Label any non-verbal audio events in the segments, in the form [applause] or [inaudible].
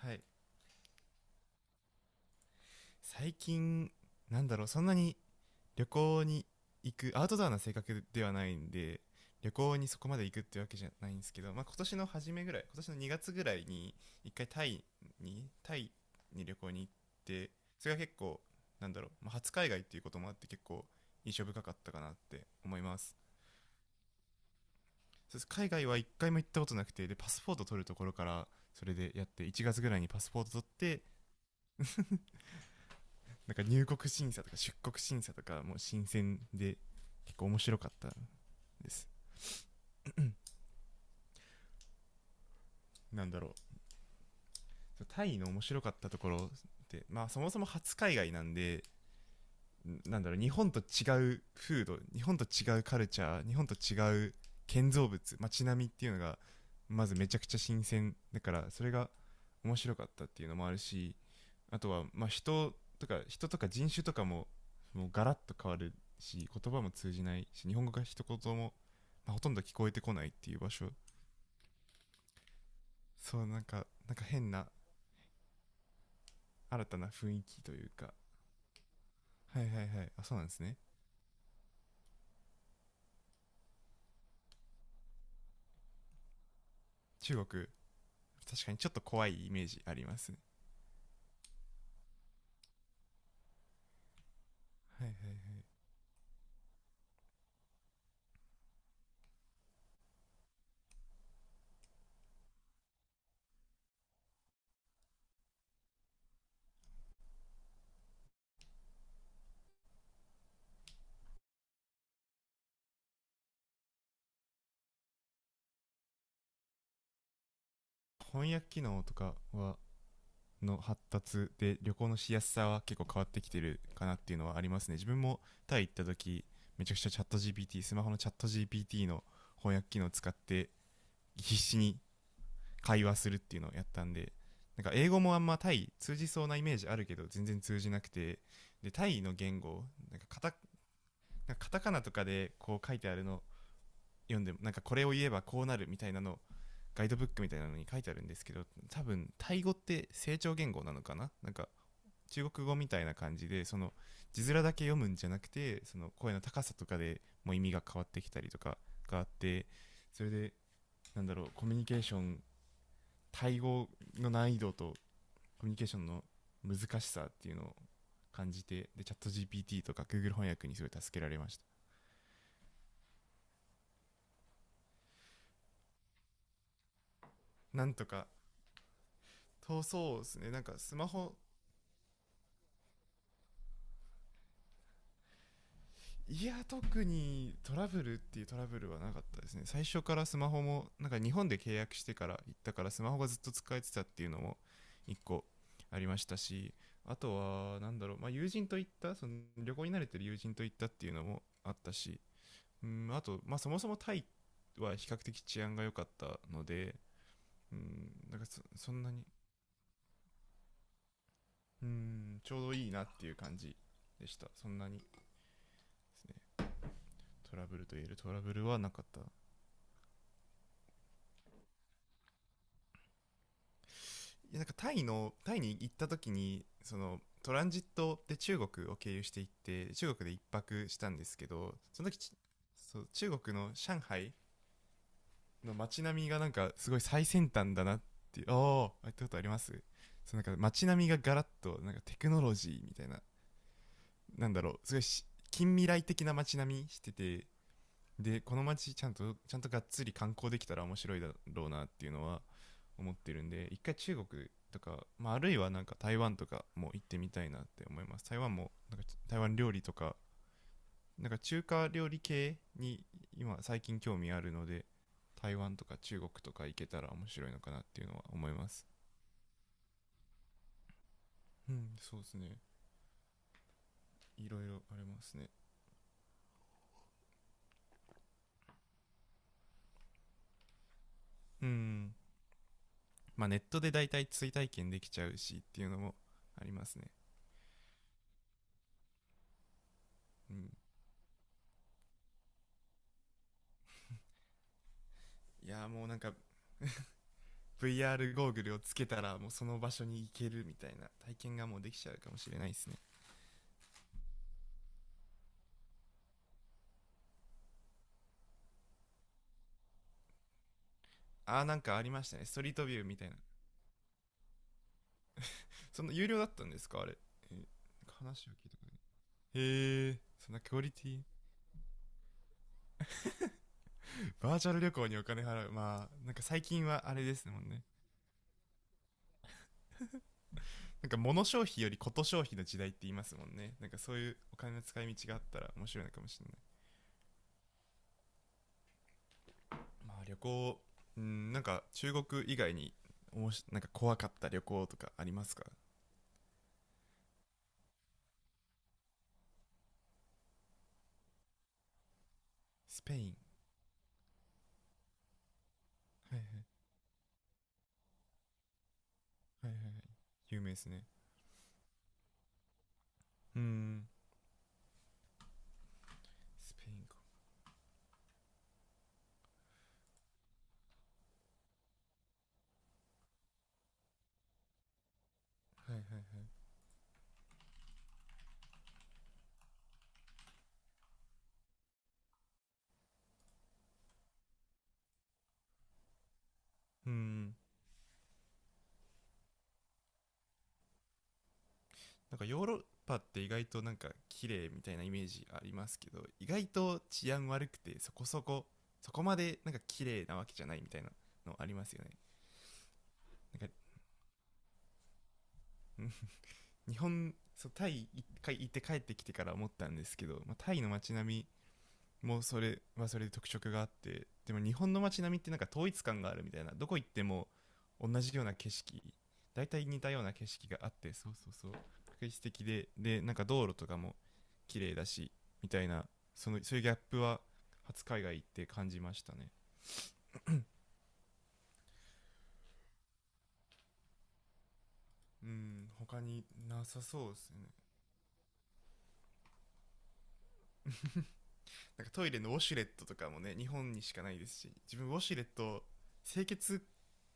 はい。最近そんなに旅行に行くアウトドアな性格ではないんで、旅行にそこまで行くってわけじゃないんですけど、まあ、今年の2月ぐらいに一回タイに旅行に行って、それが結構まあ、初海外っていうこともあって結構印象深かったかなって思います。そうです、海外は一回も行ったことなくて、でパスポート取るところから、それでやって1月ぐらいにパスポート取って、なんか入国審査とか出国審査とかもう新鮮で結構面白かったです。なんだろタイの面白かったところって、まあそもそも初海外なんで、日本と違う風土、日本と違うカルチャー、日本と違う建造物、街並みっていうのがまずめちゃくちゃ新鮮だから、それが面白かったっていうのもあるし、あとはまあ人とか人種とかももうガラッと変わるし、言葉も通じないし、日本語が一言も、まあ、ほとんど聞こえてこないっていう場所。そう、なんか変な新たな雰囲気というか。はいはいはい。あ、そうなんですね。中国、確かにちょっと怖いイメージあります。はいはいはい。翻訳機能とかはの発達で旅行のしやすさは結構変わってきてるかなっていうのはありますね、自分も。タイ行った時めちゃくちゃチャット GPT スマホのチャット GPT の翻訳機能を使って必死に会話するっていうのをやったんで。なんか英語もあんまタイ通じそうなイメージあるけど全然通じなくて、でタイの言語、なんかカタなんかカタカナとかでこう書いてあるのを読んでも、なんかこれを言えばこうなるみたいなのガイドブックみたいなのに書いてあるんですけど、多分タイ語って成長言語なのかな、なんか中国語みたいな感じで、その字面だけ読むんじゃなくて、その声の高さとかでもう意味が変わってきたりとかがあって、それでコミュニケーションタイ語の難易度とコミュニケーションの難しさっていうのを感じて、でチャット GPT とか Google 翻訳にすごい助けられました。なんとか、そうそうですね、なんかスマホ、いや特にトラブルっていうトラブルはなかったですね。最初からスマホもなんか日本で契約してから行ったから、スマホがずっと使えてたっていうのも1個ありましたし、あとはなんだろう、まあ、友人と行ったその旅行に慣れてる友人と行ったっていうのもあったし、うんあと、まあ、そもそもタイは比較的治安が良かったので、うん、なんかそんなに、うん、ちょうどいいなっていう感じでした。そんなにですね、トラブルと言えるトラブルはなかった。いや、なんかタイに行った時にそのトランジットで中国を経由していって、中国で一泊したんですけど、その時そう中国の上海の街並みがなんかすごい最先端だなって、ああ行ったことあります。そう、なんか街並みがガラッとなんかテクノロジーみたいな、なんだろう、すごいし近未来的な街並みしてて、でこの街ちゃんとがっつり観光できたら面白いだろうなっていうのは思ってるんで、一回中国とか、まあ、あるいはなんか台湾とかも行ってみたいなって思います。台湾もなんか台湾料理とかなんか中華料理系に今最近興味あるので、台湾とか中国とか行けたら面白いのかなっていうのは思います。うん、そうですね、いろいろありますね。うん、まあネットでだいたい追体験できちゃうしっていうのもありますね。うん、いやーもうなんか VR ゴーグルをつけたらもうその場所に行けるみたいな体験がもうできちゃうかもしれないですね。あー、なんかありましたねストリートビューみたいな。その有料だったんですかあれ、えーなんか話を聞いたこと、へえ、そんなクオリティ。バーチャル旅行にお金払う、まあなんか最近はあれですもんね。なんか物消費よりこと消費の時代って言いますもんね。なんかそういうお金の使い道があったら面白いのかもしれない。まあ旅行。うん、なんか中国以外におもしなんか怖かった旅行とかありますか？スペイン。はいはいはいはいはい、有名ですね。うん、スペインか。はいはい。うん、なんかヨーロッパって意外となんか綺麗みたいなイメージありますけど、意外と治安悪くてそこまでなんか綺麗なわけじゃないみたいなのありますよね。なんか [laughs] 日本、そうタイ一回行って帰ってきてから思ったんですけど、まあ、タイの街並みもうそれはそれで特色があって、でも日本の街並みってなんか統一感があるみたいな、どこ行っても同じような景色大体似たような景色があって、そうそうそう確実的で、でなんか道路とかも綺麗だしみたいな、そのそういうギャップは初海外行って感じましたね。うん、他になさそうですね。なんかトイレのウォシュレットとかもね日本にしかないですし、自分ウォシュレット清潔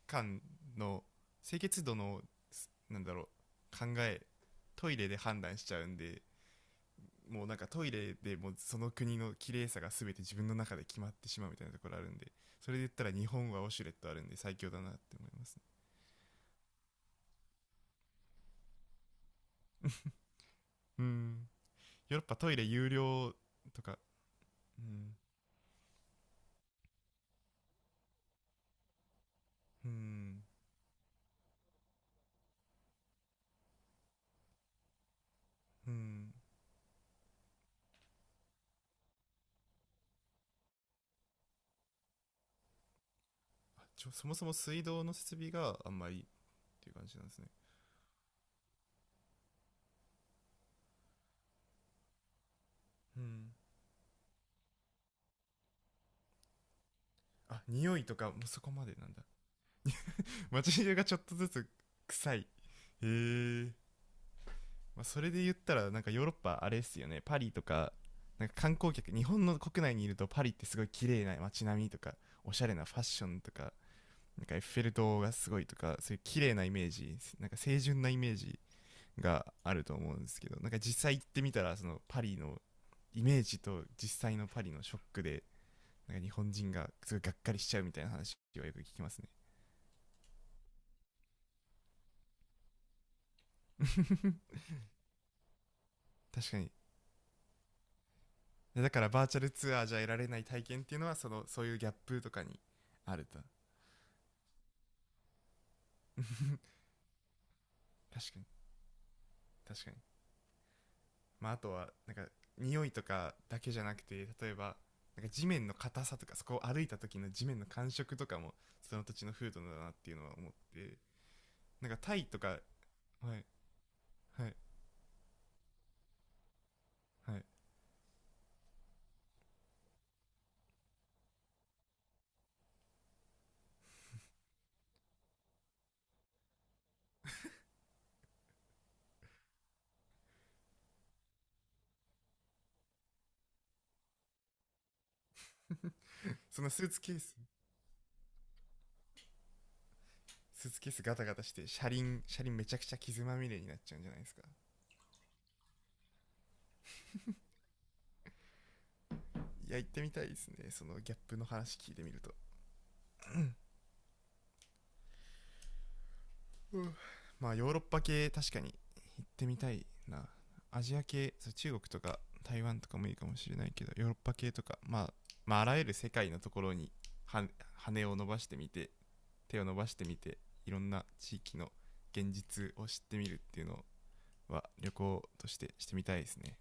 感の清潔度のなんだろう考えトイレで判断しちゃうんで、もうなんかトイレでもうその国の綺麗さが全て自分の中で決まってしまうみたいなところあるんで、それで言ったら日本はウォシュレットあるんで最強だなって思いますね。うん、ヨーロッパトイレ有料とか。うんうんうん。ちょ、そもそも水道の設備があんまりっていう感じなんですね。うん、あ、匂いとかもそこまでなんだ、街中がちょっとずつ臭い、へー。まあ、それで言ったらなんかヨーロッパあれですよねパリとか、なんか観光客日本の国内にいるとパリってすごい綺麗な街並みとか、おしゃれなファッションとか、なんかエッフェル塔がすごいとかそういう綺麗なイメージ、なんか清純なイメージがあると思うんですけど、なんか実際行ってみたらそのパリのイメージと実際のパリのショックで、なんか日本人がすごいがっかりしちゃうみたいな話はよく聞きますね。 [laughs] 確かに。だからバーチャルツアーじゃ得られない体験っていうのはそのそういうギャップとかにあると。確かに、確かに。まああとはなんか匂いとかだけじゃなくて、例えばなんか地面の硬さとかそこを歩いた時の地面の感触とかもその土地の風土だなっていうのは思って、なんかタイとか。はいはいはい。そのスーツケーススーツケースガタガタして車輪めちゃくちゃ傷まみれになっちゃうんじゃないですか？いや行ってみたいですね、そのギャップの話聞いてみると、うん、まあヨーロッパ系確かに行ってみたいな。アジア系、そう中国とか台湾とかもいいかもしれないけど、ヨーロッパ系とか、まあ、まああらゆる世界のところに羽を伸ばしてみて手を伸ばしてみていろんな地域の現実を知ってみるっていうのは旅行としてしてみたいですね。